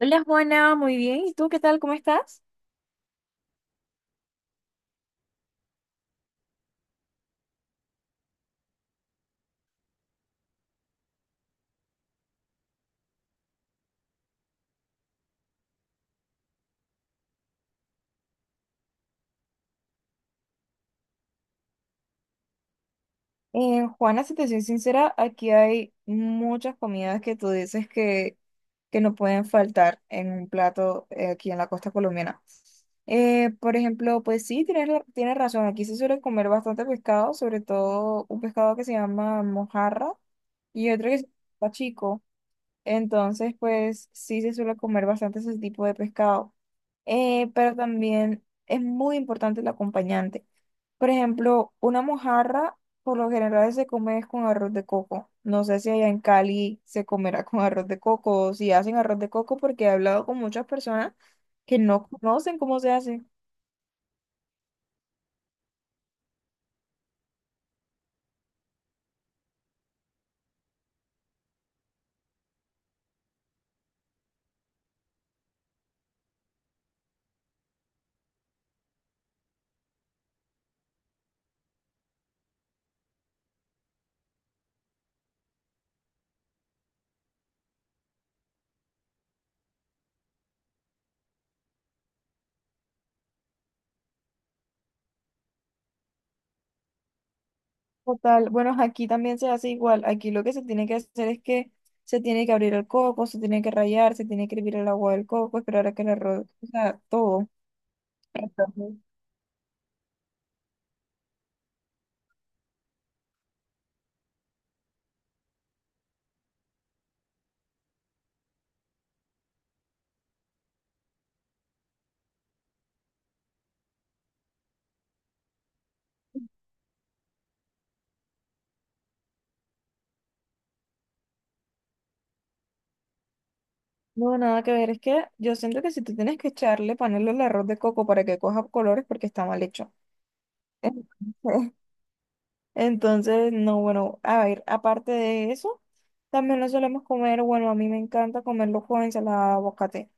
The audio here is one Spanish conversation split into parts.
Hola Juana, muy bien. ¿Y tú qué tal? ¿Cómo estás? Juana, si te soy sincera, aquí hay muchas comidas que tú dices que no pueden faltar en un plato aquí en la costa colombiana. Por ejemplo, pues sí, tienes, tienes razón, aquí se suele comer bastante pescado, sobre todo un pescado que se llama mojarra y otro que se llama chico. Entonces, pues sí se suele comer bastante ese tipo de pescado. Pero también es muy importante el acompañante. Por ejemplo, una mojarra por lo general se come con arroz de coco. No sé si allá en Cali se comerá con arroz de coco o si hacen arroz de coco porque he hablado con muchas personas que no conocen cómo se hace. Total, bueno, aquí también se hace igual. Aquí lo que se tiene que hacer es que se tiene que abrir el coco, se tiene que rallar, se tiene que hervir el agua del coco, esperar a que el arroz, o sea, todo. Entonces, no, nada que ver, es que yo siento que si tú tienes que echarle, ponerle el arroz de coco para que coja colores porque está mal hecho. Entonces, entonces, no, bueno, a ver, aparte de eso, también lo solemos comer, bueno, a mí me encanta comerlo con ensalada de aguacate.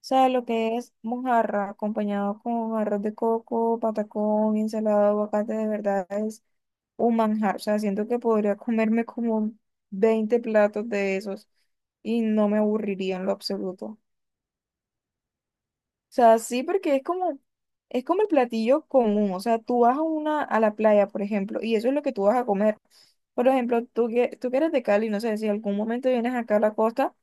Sea, lo que es mojarra acompañado con arroz de coco, patacón, ensalada de aguacate, de verdad es un manjar. O sea, siento que podría comerme como 20 platos de esos y no me aburriría en lo absoluto. O sea, sí, porque es como el platillo común. O sea, tú vas a una, a la playa, por ejemplo, y eso es lo que tú vas a comer. Por ejemplo, tú que eres de Cali, no sé si algún momento vienes acá a la costa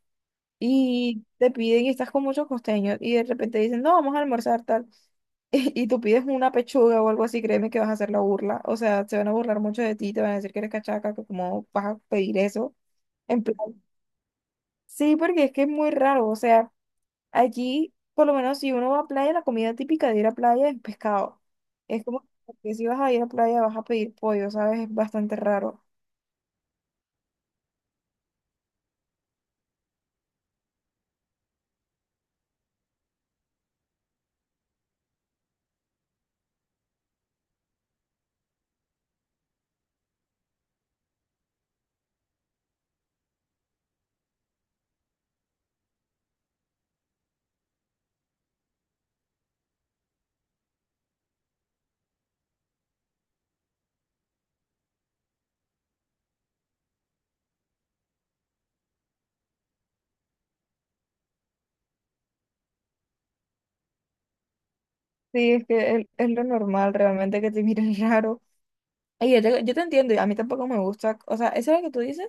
y te piden y estás con muchos costeños y de repente dicen, no, vamos a almorzar tal. Y tú pides una pechuga o algo así, créeme que vas a hacer la burla. O sea, se van a burlar mucho de ti, te van a decir que eres cachaca, que cómo vas a pedir eso. En plan, sí, porque es que es muy raro. O sea, allí, por lo menos si uno va a playa, la comida típica de ir a playa es pescado. Es como que si vas a ir a playa vas a pedir pollo, ¿sabes? Es bastante raro. Sí, es que es lo normal realmente que te miren raro. Ay, yo te entiendo, y a mí tampoco me gusta. O sea, eso es lo que tú dices.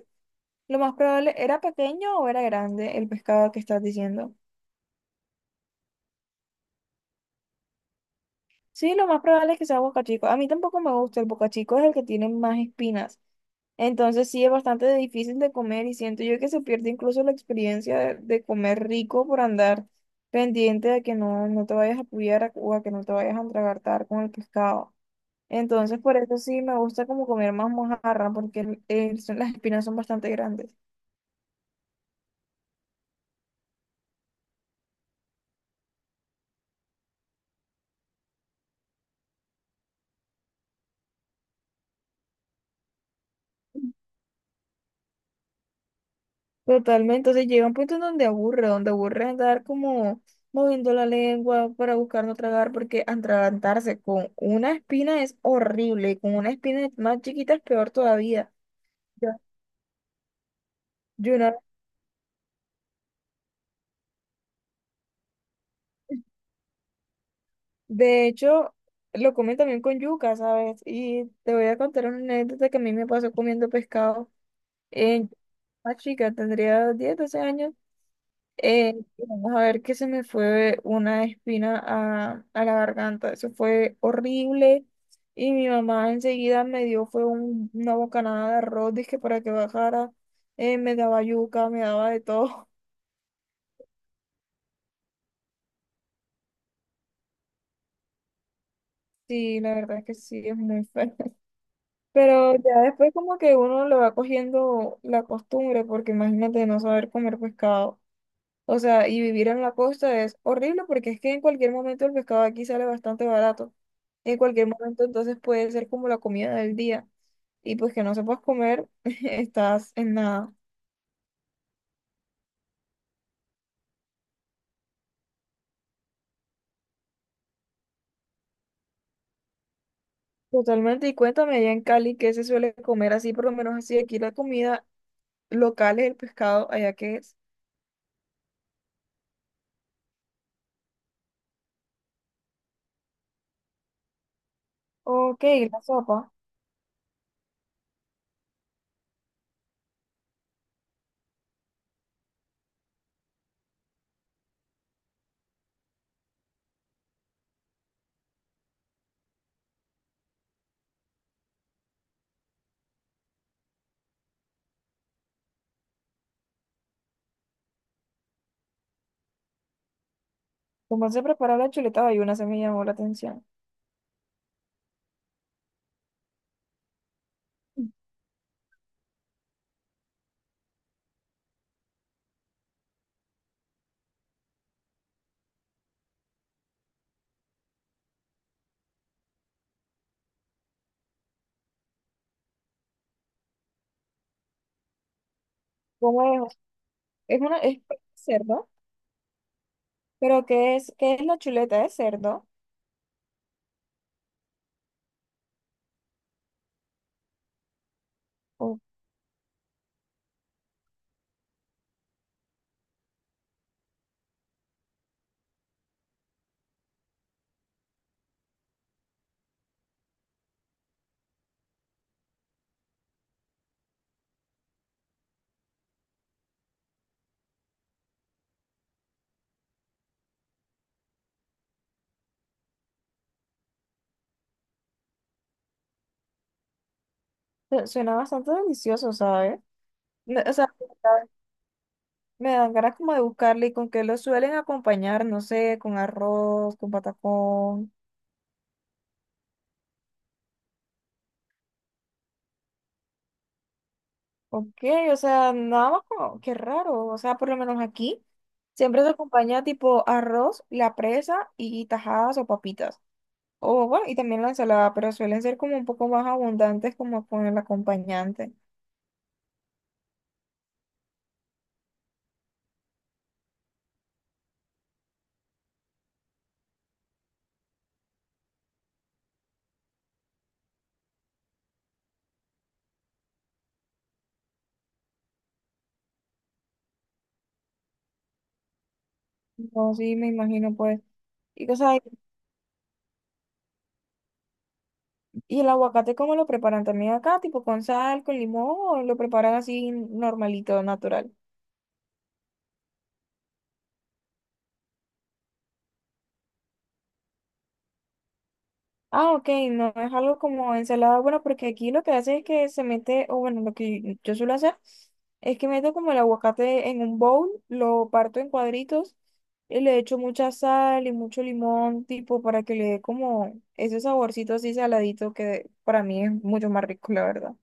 Lo más probable, ¿era pequeño o era grande el pescado que estás diciendo? Sí, lo más probable es que sea bocachico. A mí tampoco me gusta. El bocachico es el que tiene más espinas. Entonces sí es bastante difícil de comer y siento yo que se pierde incluso la experiencia de comer rico por andar pendiente de que no, no te vayas a apoyar o a que no te vayas a entragartar con el pescado. Entonces por eso sí me gusta como comer más mojarra porque las espinas son bastante grandes. Totalmente, entonces llega un punto en donde aburre andar como moviendo la lengua para buscar no tragar, porque atragantarse con una espina es horrible, y con una espina más chiquita es peor todavía. Ya. Yo una- de hecho, lo comen también con yuca, ¿sabes? Y te voy a contar una anécdota que a mí me pasó comiendo pescado en más chica, tendría 10 12 años. Vamos a ver, que se me fue una espina a la garganta. Eso fue horrible. Y mi mamá enseguida me dio, fue una bocanada de arroz, dizque para que bajara. Me daba yuca, me daba de todo. Sí, la verdad es que sí, es muy feo. Pero ya después como que uno le va cogiendo la costumbre, porque imagínate no saber comer pescado. O sea, y vivir en la costa es horrible porque es que en cualquier momento el pescado aquí sale bastante barato. En cualquier momento entonces puede ser como la comida del día. Y pues que no sepas comer, estás en nada. Totalmente. Y cuéntame allá en Cali, ¿qué se suele comer así? Por lo menos así, aquí la comida local es el pescado, allá que es. Ok, la sopa. ¿Cómo se prepara la chuleta bayuna? Se me llamó la atención. ¿Cómo es? Es cerdo, pero qué es la chuleta de cerdo? Su- Suena bastante delicioso, ¿sabes? No, o sea, me dan ganas como de buscarle y con qué lo suelen acompañar, no sé, con arroz, con patacón, ok, o sea, nada más como, qué raro, o sea, por lo menos aquí siempre se acompaña tipo arroz, la presa y tajadas o papitas, o bueno, y también la ensalada, pero suelen ser como un poco más abundantes como con el acompañante, no, sí, me imagino pues, y cosas. ¿Y el aguacate cómo lo preparan también acá? ¿Tipo con sal, con limón o lo preparan así normalito, natural? Ah, ok, no es algo como ensalada. Bueno, porque aquí lo que hace es que se mete, o bueno, lo que yo suelo hacer es que meto como el aguacate en un bowl, lo parto en cuadritos y le echo mucha sal y mucho limón, tipo para que le dé como ese saborcito así saladito que para mí es mucho más rico, la verdad.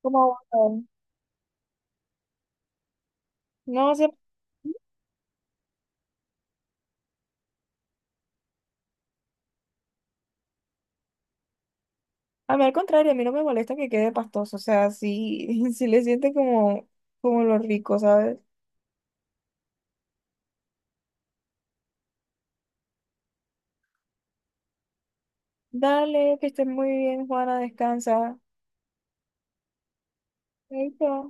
Como aguacate. No sé. A mí al contrario, a mí no me molesta que quede pastoso, o sea, sí, sí le siente como, como lo rico, ¿sabes? Dale, que estés muy bien, Juana, descansa. Ahí está.